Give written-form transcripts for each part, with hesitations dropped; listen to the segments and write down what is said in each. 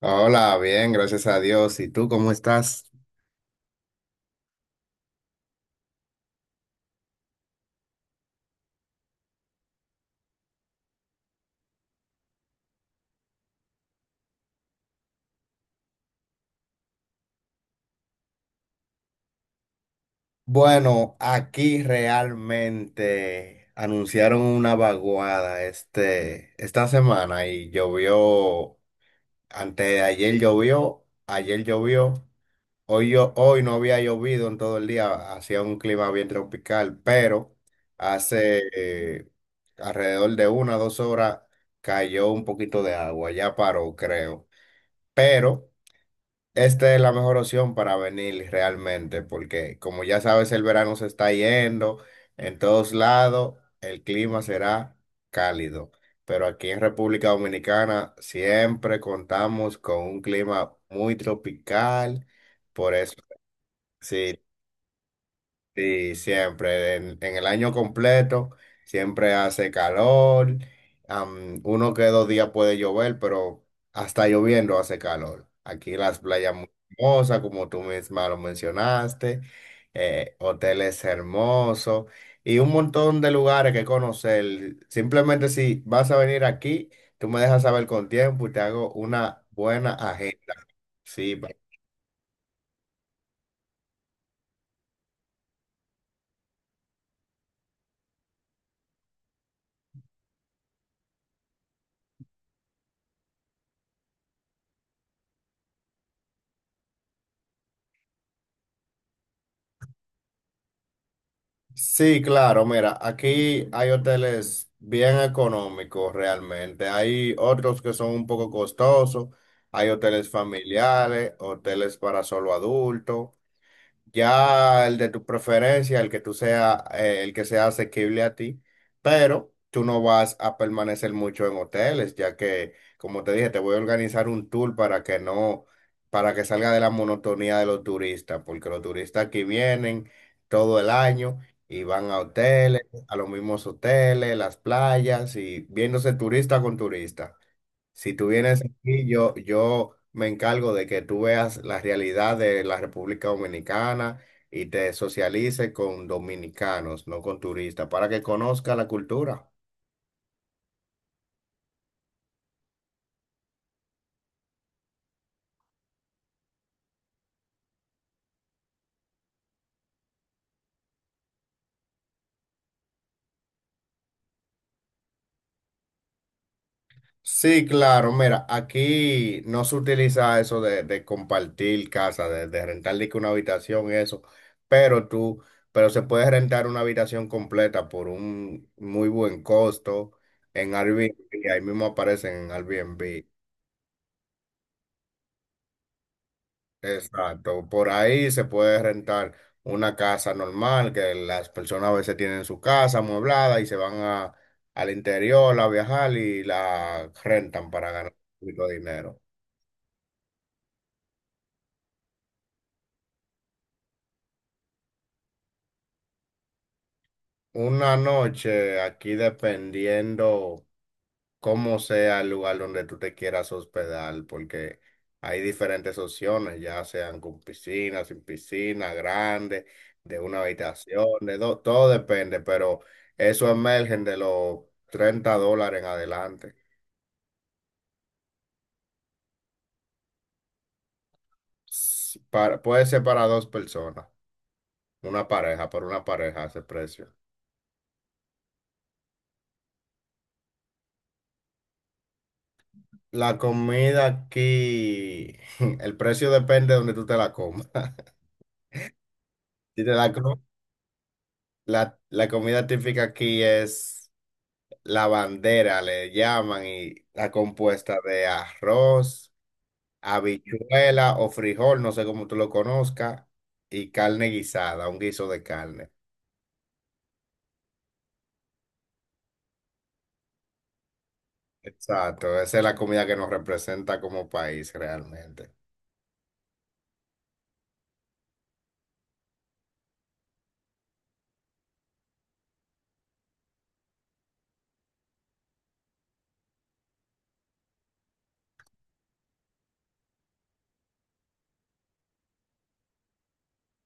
Hola, bien, gracias a Dios. ¿Y tú cómo estás? Bueno, aquí realmente anunciaron una vaguada esta semana y llovió, antes de ayer llovió, hoy, hoy no había llovido en todo el día, hacía un clima bien tropical, pero hace alrededor de 1 o 2 horas cayó un poquito de agua, ya paró, creo. Pero... Esta es la mejor opción para venir realmente, porque como ya sabes, el verano se está yendo, en todos lados el clima será cálido, pero aquí en República Dominicana siempre contamos con un clima muy tropical, por eso, sí. Sí, siempre, en el año completo, siempre hace calor. Uno que 2 días puede llover, pero hasta lloviendo hace calor. Aquí las playas muy hermosas, como tú misma lo mencionaste. Hoteles hermosos y un montón de lugares que conocer. Simplemente si vas a venir aquí, tú me dejas saber con tiempo y te hago una buena agenda. Sí. Sí, claro, mira, aquí hay hoteles bien económicos realmente. Hay otros que son un poco costosos. Hay hoteles familiares, hoteles para solo adultos. Ya el de tu preferencia, el que tú sea, el que sea asequible a ti, pero tú no vas a permanecer mucho en hoteles, ya que, como te dije, te voy a organizar un tour para que no, para que salga de la monotonía de los turistas, porque los turistas aquí vienen todo el año y van a hoteles, a los mismos hoteles, las playas y viéndose turista con turista. Si tú vienes aquí, yo me encargo de que tú veas la realidad de la República Dominicana y te socialices con dominicanos, no con turistas, para que conozca la cultura. Sí, claro, mira, aquí no se utiliza eso de compartir casa, de rentar de que una habitación eso, pero pero se puede rentar una habitación completa por un muy buen costo en Airbnb, ahí mismo aparecen en Airbnb. Exacto, por ahí se puede rentar una casa normal que las personas a veces tienen su casa amueblada y se van al interior a viajar y la rentan para ganar un poquito de dinero. Una noche aquí dependiendo. Como sea el lugar donde tú te quieras hospedar, porque hay diferentes opciones, ya sean con piscina, sin piscina, grande, de una habitación, de dos, todo depende, pero eso emergen de los 30 dólares en adelante. Puede ser para dos personas, una pareja, por una pareja ese precio. La comida aquí, el precio depende de donde tú te la comas. Si te la, co- La comida típica aquí es la bandera le llaman y está compuesta de arroz, habichuela o frijol, no sé cómo tú lo conozcas, y carne guisada, un guiso de carne. Exacto, esa es la comida que nos representa como país realmente.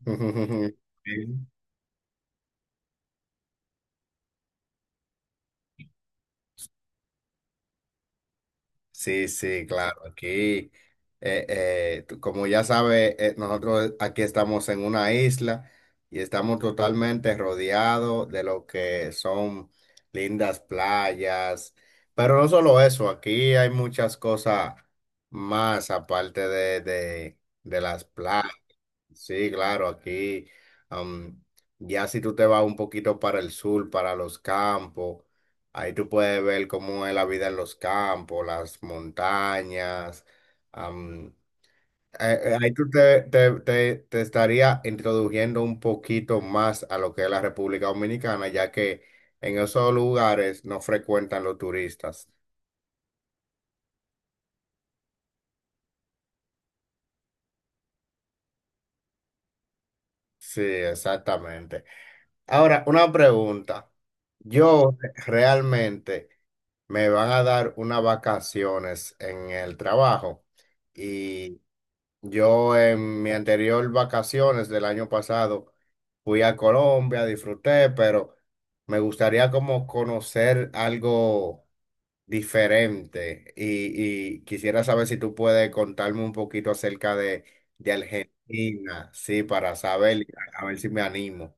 Sí. Sí, sí, claro. Aquí, como ya sabes, nosotros aquí estamos en una isla y estamos totalmente rodeados de lo que son lindas playas. Pero no solo eso, aquí hay muchas cosas más aparte de las playas. Sí, claro, aquí am, ya si tú te vas un poquito para el sur, para los campos, ahí tú puedes ver cómo es la vida en los campos, las montañas. am, ahí tú te estaría introduciendo un poquito más a lo que es la República Dominicana, ya que en esos lugares no frecuentan los turistas. Sí, exactamente. Ahora, una pregunta. Yo realmente me van a dar unas vacaciones en el trabajo y yo en mi anterior vacaciones del año pasado fui a Colombia, disfruté, pero me gustaría como conocer algo diferente y quisiera saber si tú puedes contarme un poquito acerca de Argentina, sí, para saber, a ver si me animo.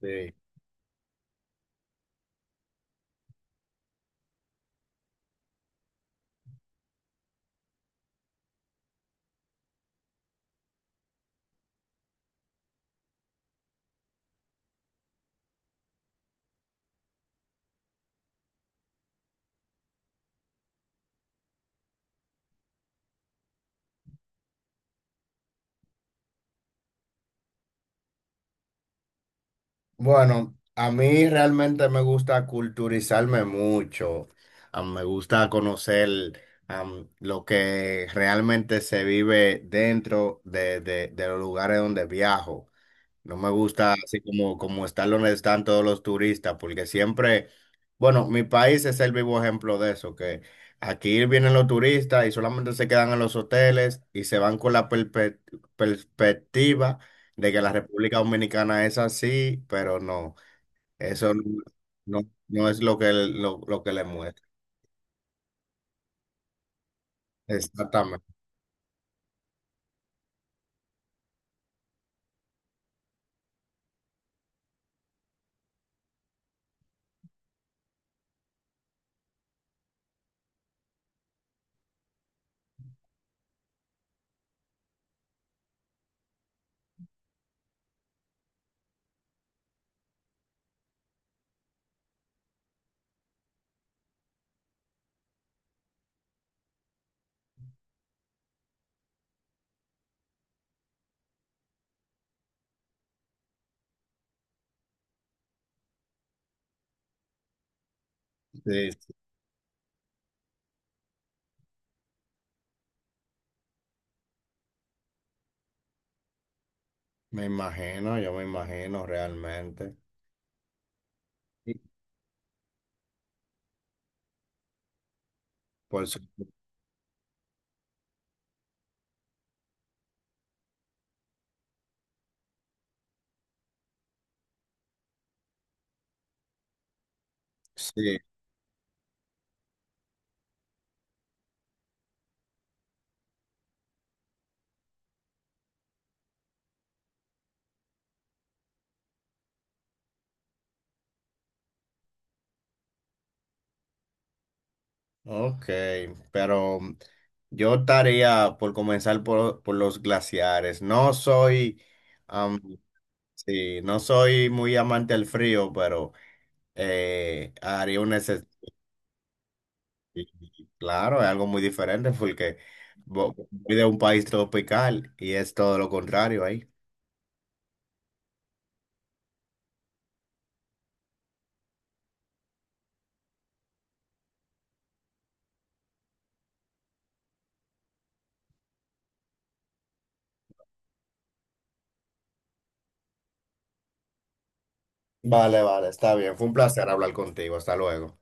Sí. Bueno, a mí realmente me gusta culturizarme mucho. Ah, me gusta conocer lo que realmente se vive dentro de los lugares donde viajo. No me gusta así como están donde están todos los turistas, porque siempre, bueno, mi país es el vivo ejemplo de eso, que aquí vienen los turistas y solamente se quedan en los hoteles y se van con la perspectiva de que la República Dominicana es así, pero no, eso no, no no es lo que, lo que le muestra. Exactamente. Sí, sí. Me imagino, yo me imagino realmente. Sí. Por supuesto. Sí. Ok, pero yo estaría por comenzar por los glaciares. No soy, am, sí, no soy muy amante del frío, pero haría un excepción. Claro, es algo muy diferente porque voy de un país tropical y es todo lo contrario ahí. Vale, vale, está bien. Fue un placer hablar contigo. Hasta luego.